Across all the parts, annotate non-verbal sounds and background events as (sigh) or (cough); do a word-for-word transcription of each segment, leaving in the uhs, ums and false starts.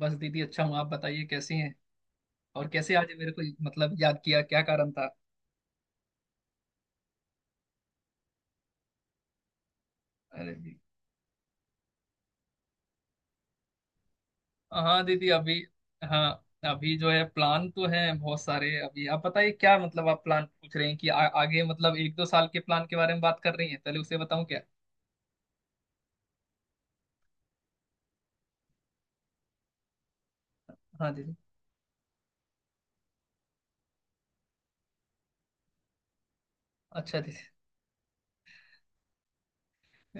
बस दीदी अच्छा हूँ। आप बताइए कैसी हैं। और कैसे आज मेरे को मतलब याद किया, क्या कारण था। अरे जी। हाँ दीदी अभी। हाँ अभी जो है प्लान तो है बहुत सारे। अभी आप बताइए, क्या मतलब आप प्लान पूछ रहे हैं कि आ, आगे मतलब एक दो साल के प्लान के बारे में बात कर रही हैं, पहले उसे बताऊं क्या। हाँ दीदी। अच्छा दीदी।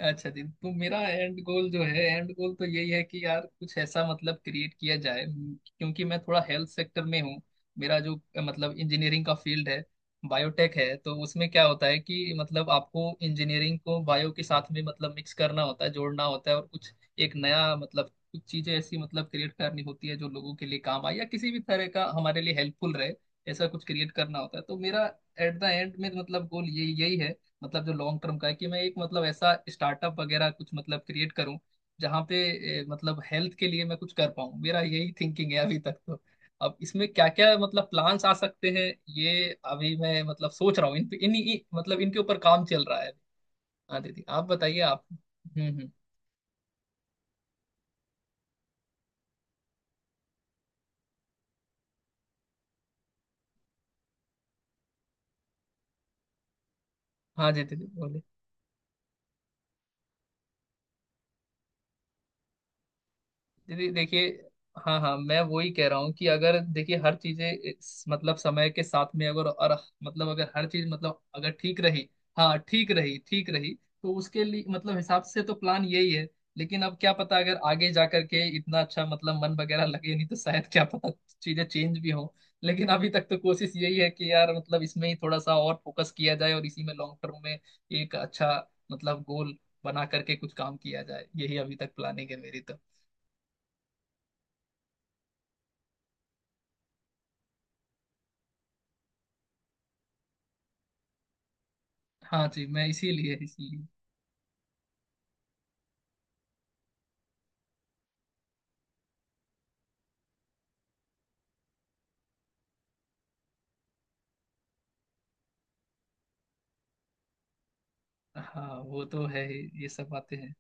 अच्छा जी, तो मेरा एंड गोल जो है, एंड गोल तो यही है कि यार कुछ ऐसा मतलब क्रिएट किया जाए म, क्योंकि मैं थोड़ा हेल्थ सेक्टर में हूँ। मेरा जो अ, मतलब इंजीनियरिंग का फील्ड है, बायोटेक है, तो उसमें क्या होता है कि मतलब आपको इंजीनियरिंग को बायो के साथ में मतलब मिक्स करना होता है, जोड़ना होता है, और कुछ एक नया मतलब कुछ चीजें ऐसी मतलब क्रिएट करनी होती है जो लोगों के लिए काम आए या किसी भी तरह का हमारे लिए हेल्पफुल रहे। ऐसा कुछ क्रिएट करना होता है। तो मेरा एट द एंड में मतलब गोल यही यही है। मतलब जो लॉन्ग टर्म का है कि मैं एक मतलब ऐसा स्टार्टअप वगैरह कुछ मतलब क्रिएट करूं, जहां पे ए, मतलब हेल्थ के लिए मैं कुछ कर पाऊं। मेरा यही थिंकिंग है अभी तक तो। अब इसमें क्या क्या मतलब प्लान्स आ सकते हैं, ये अभी मैं मतलब सोच रहा हूँ। इन पे इन, इन मतलब इनके ऊपर काम चल रहा है। हाँ दीदी आप बताइए आप। हम्म हम्म। हाँ जी दीदी बोलिए। दीदी देखिए। हाँ हाँ मैं वही कह रहा हूँ कि अगर देखिए हर चीजें इस- मतलब समय के साथ में अगर और मतलब अगर हर चीज मतलब अगर ठीक रही। हाँ ठीक रही ठीक रही। तो उसके लिए मतलब हिसाब से तो प्लान यही है। लेकिन अब क्या पता, अगर आगे जा करके इतना अच्छा मतलब मन वगैरह लगे नहीं, तो शायद क्या पता चीजें चेंज भी हो। लेकिन अभी तक तो कोशिश यही है कि यार मतलब इसमें ही थोड़ा सा और फोकस किया जाए और इसी में लॉन्ग टर्म में एक अच्छा मतलब गोल बना करके कुछ काम किया जाए। यही अभी तक प्लानिंग है मेरी तो। हाँ जी मैं इसीलिए इसीलिए। हाँ वो तो है ही, ये सब बातें हैं।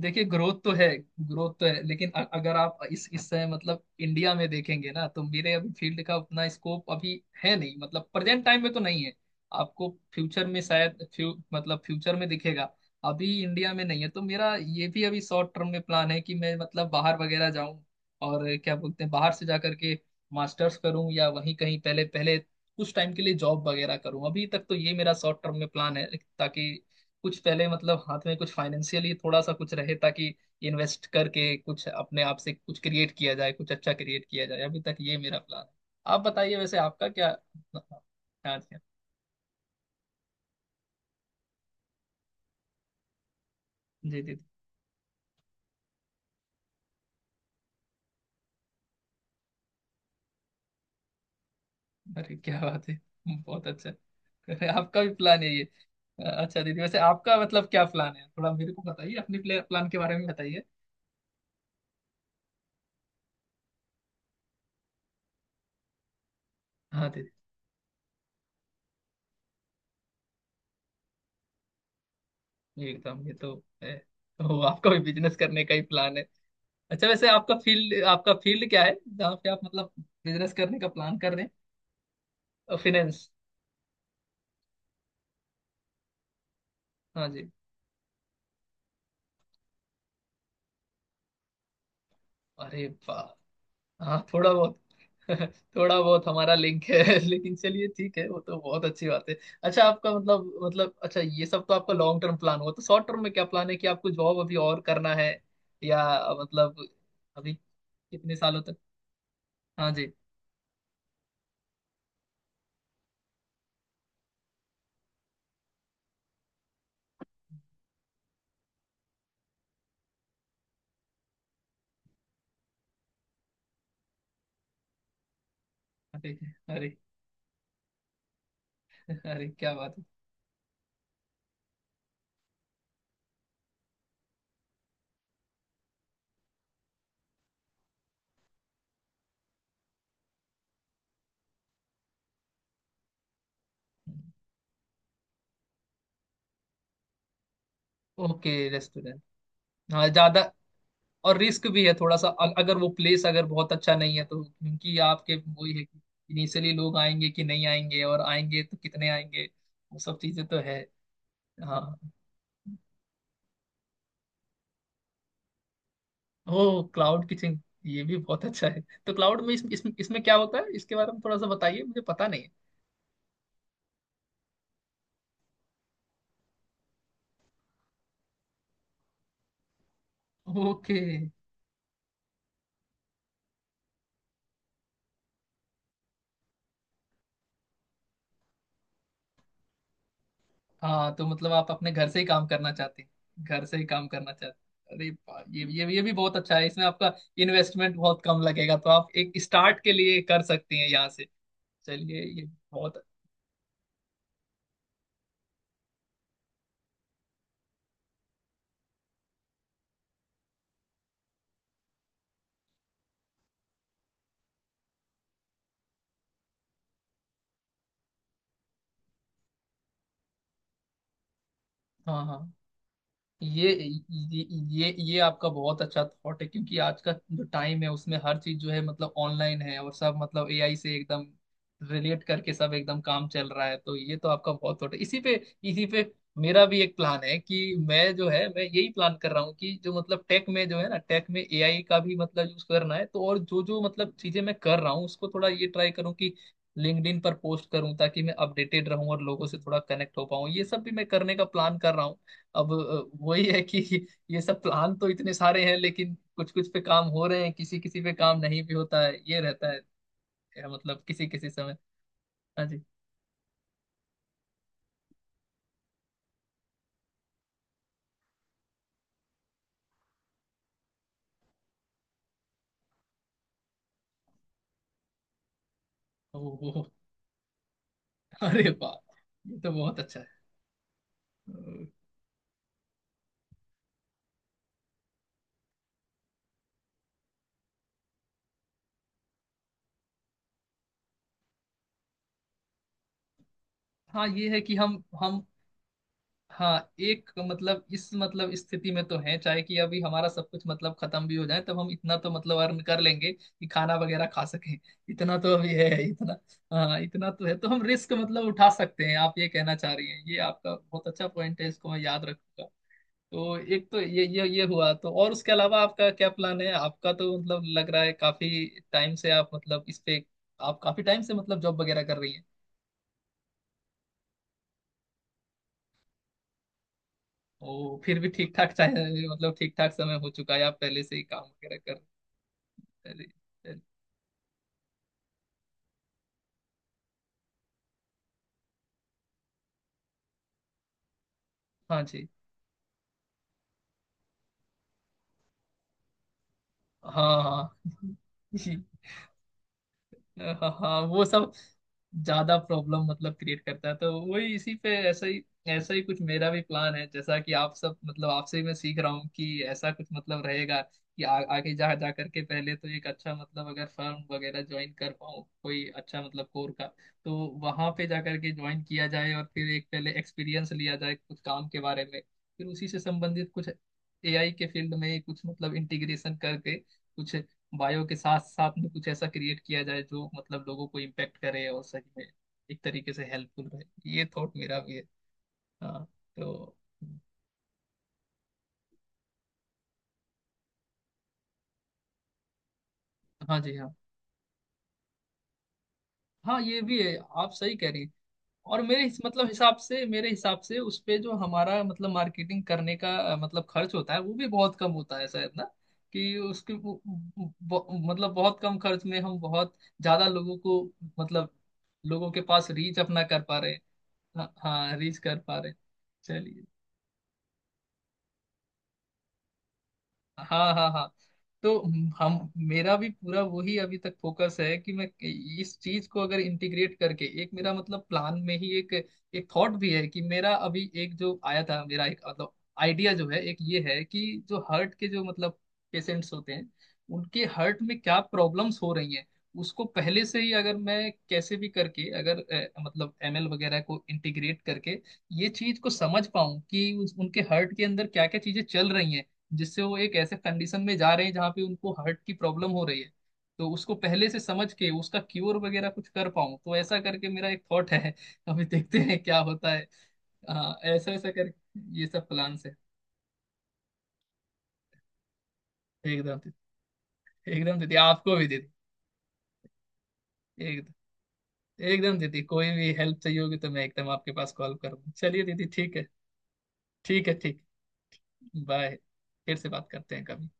देखिए ग्रोथ तो है, ग्रोथ तो है, लेकिन अ- अगर आप इस इस समय मतलब इंडिया में देखेंगे ना, तो मेरे अभी फील्ड का उतना स्कोप अभी है नहीं। मतलब प्रेजेंट टाइम में तो नहीं है। आपको फ्यूचर में शायद फ्यू मतलब फ्यूचर में दिखेगा। अभी इंडिया में नहीं है, तो मेरा ये भी अभी शॉर्ट टर्म में प्लान है कि मैं मतलब बाहर वगैरह जाऊं। और क्या बोलते हैं, बाहर से जा करके मास्टर्स करूं या वहीं कहीं पहले पहले कुछ टाइम के लिए जॉब वगैरह करूं। अभी तक तो ये मेरा शॉर्ट टर्म में प्लान है, ताकि कुछ पहले मतलब हाथ में कुछ फाइनेंशियली थोड़ा सा कुछ रहे, ताकि इन्वेस्ट करके कुछ अपने आप से कुछ क्रिएट किया जाए, कुछ अच्छा क्रिएट किया जाए। अभी तक ये मेरा प्लान है। आप बताइए, वैसे आपका क्या क्या क्या। जी दीदी। अरे क्या बात है, बहुत अच्छा। अरे आपका भी प्लान है ये। अच्छा दीदी, वैसे आपका मतलब क्या प्लान है, थोड़ा मेरे को बताइए, अपने प्लान के बारे में बताइए। हाँ दीदी। ये एकदम, ये तो है। तो आपका भी बिजनेस करने का ही प्लान है। अच्छा, वैसे आपका फील्ड, आपका फील्ड क्या है जहाँ पे आप मतलब बिजनेस करने का प्लान कर रहे हैं। फाइनेंस। हाँ जी। अरे वाह। हाँ थोड़ा बहुत (laughs) थोड़ा बहुत हमारा लिंक है (laughs) लेकिन चलिए ठीक है, वो तो बहुत अच्छी बात है। अच्छा आपका मतलब मतलब अच्छा ये सब तो आपका लॉन्ग टर्म प्लान हुआ, तो शॉर्ट टर्म में क्या प्लान है, कि आपको जॉब अभी और करना है या मतलब अभी कितने सालों तक। हाँ जी। अरे अरे अरे क्या बात है। Okay restaurant. हाँ ज्यादा और रिस्क भी है थोड़ा सा अ- अगर वो प्लेस अगर बहुत अच्छा नहीं है तो, क्योंकि आपके वही है कि इनिशियली लोग आएंगे कि नहीं आएंगे, और आएंगे तो कितने आएंगे, वो सब चीजें तो है। हाँ। ओ क्लाउड किचन, ये भी बहुत अच्छा है। तो क्लाउड में इस, इस, इसमें क्या होता है इसके बारे में थोड़ा सा बताइए, मुझे पता नहीं है। ओके। हाँ तो मतलब आप अपने घर से ही काम करना चाहते हैं, घर से ही काम करना चाहते हैं। अरे वाह, ये ये ये भी बहुत अच्छा है। इसमें आपका इन्वेस्टमेंट बहुत कम लगेगा, तो आप एक स्टार्ट के लिए कर सकते हैं यहाँ से। चलिए ये बहुत। हाँ हाँ। ये ये ये ये आपका बहुत अच्छा थॉट है, क्योंकि आज का जो टाइम है उसमें हर चीज जो है मतलब ऑनलाइन है, और सब मतलब ए आई से एकदम रिलेट करके सब एकदम काम चल रहा है, तो ये तो आपका बहुत थॉट है। इसी पे इसी पे मेरा भी एक प्लान है, कि मैं जो है मैं यही प्लान कर रहा हूँ कि जो मतलब टेक में जो है ना, टेक में ए आई का भी मतलब यूज करना है, तो और जो जो मतलब चीजें मैं कर रहा हूँ उसको थोड़ा ये ट्राई करूँ कि लिंक्डइन पर पोस्ट करूँ, ताकि मैं अपडेटेड रहूँ और लोगों से थोड़ा कनेक्ट हो पाऊँ। ये सब भी मैं करने का प्लान कर रहा हूँ। अब अ, वही है कि ये सब प्लान तो इतने सारे हैं, लेकिन कुछ कुछ पे काम हो रहे हैं, किसी किसी पे काम नहीं भी होता है, ये रहता है क्या मतलब किसी किसी समय। हाँ जी। ओ, ओ, अरे वाह, ये तो बहुत अच्छा है। अ, हाँ ये है कि हम हम। हाँ एक मतलब इस मतलब स्थिति में तो है, चाहे कि अभी हमारा सब कुछ मतलब खत्म भी हो जाए, तब हम इतना तो मतलब अर्न कर लेंगे कि खाना वगैरह खा सकें, इतना तो अभी है इतना। हाँ इतना तो है, तो हम रिस्क मतलब उठा सकते हैं, आप ये कहना चाह रही हैं, ये आपका बहुत अच्छा पॉइंट है, इसको मैं याद रखूंगा। तो एक तो ये ये ये हुआ, तो और उसके अलावा आपका क्या प्लान है, आपका तो मतलब लग रहा है काफी टाइम से आप मतलब इस पे, आप काफी टाइम से मतलब जॉब वगैरह कर रही हैं। ओ फिर भी ठीक ठाक, चाहे मतलब ठीक ठाक समय हो चुका है, आप पहले से ही काम वगैरह कर। पहले, पहले। हाँ जी। हाँ हाँ (laughs) जी। हाँ हाँ, वो सब ज्यादा प्रॉब्लम मतलब क्रिएट करता है, तो वही, इसी पे ऐसा ही ऐसा ही कुछ मेरा भी प्लान है, जैसा कि आप सब मतलब आपसे ही मैं सीख रहा हूँ, कि ऐसा कुछ मतलब रहेगा कि आ, आगे जा जा करके पहले तो एक अच्छा मतलब अगर फर्म वगैरह ज्वाइन कर पाऊँ कोई अच्छा मतलब कोर का, तो वहां पे जा करके ज्वाइन किया जाए और फिर एक पहले एक्सपीरियंस लिया जाए कुछ काम के बारे में, फिर उसी से संबंधित कुछ ए आई के फील्ड में कुछ मतलब इंटीग्रेशन करके कुछ बायो के साथ साथ में कुछ ऐसा क्रिएट किया जाए जो मतलब लोगों को इम्पेक्ट करे और सही में एक तरीके से हेल्पफुल रहे। ये थॉट मेरा भी है। हाँ। तो हाँ जी। हाँ हाँ ये भी है, आप सही कह रही हैं। और मेरे हिस- मतलब हिसाब से, मेरे हिसाब से उस पे जो हमारा मतलब मार्केटिंग करने का अ, मतलब खर्च होता है वो भी बहुत कम होता है शायद ना, कि उसके वो- वो- वो- मतलब बहुत कम खर्च में हम बहुत ज्यादा लोगों को मतलब लोगों के पास रीच अपना कर पा रहे हैं। हाँ हाँ रीच कर पा रहे हैं। चलिए। हाँ हाँ हाँ। तो हम मेरा भी पूरा वही अभी तक फोकस है, कि मैं इस चीज को अगर इंटीग्रेट करके एक मेरा मतलब प्लान में ही एक एक थॉट भी है कि मेरा अभी एक जो आया था मेरा एक मतलब आइडिया जो है, एक ये है कि जो हार्ट के जो मतलब पेशेंट्स होते हैं, उनके हार्ट में क्या प्रॉब्लम्स हो रही हैं, उसको पहले से ही अगर मैं कैसे भी करके अगर अ, मतलब एम एल वगैरह को इंटीग्रेट करके ये चीज को समझ पाऊं कि उस- उनके हार्ट के अंदर क्या क्या चीजें चल रही हैं, जिससे वो एक ऐसे कंडीशन में जा रहे हैं जहाँ पे उनको हार्ट की प्रॉब्लम हो रही है, तो उसको पहले से समझ के उसका क्योर वगैरह कुछ कर पाऊँ, तो ऐसा करके मेरा एक थॉट है। अभी देखते हैं क्या होता है। हाँ ऐसा ऐसा करके ये सब प्लान्स है। एकदम दीदी। एकदम दीदी आपको भी दीदी। एकदम। एकदम दीदी कोई भी हेल्प चाहिए होगी तो मैं एकदम आपके पास कॉल करूँगा। चलिए दीदी ठीक है। ठीक है ठीक। बाय। फिर से बात करते हैं कभी।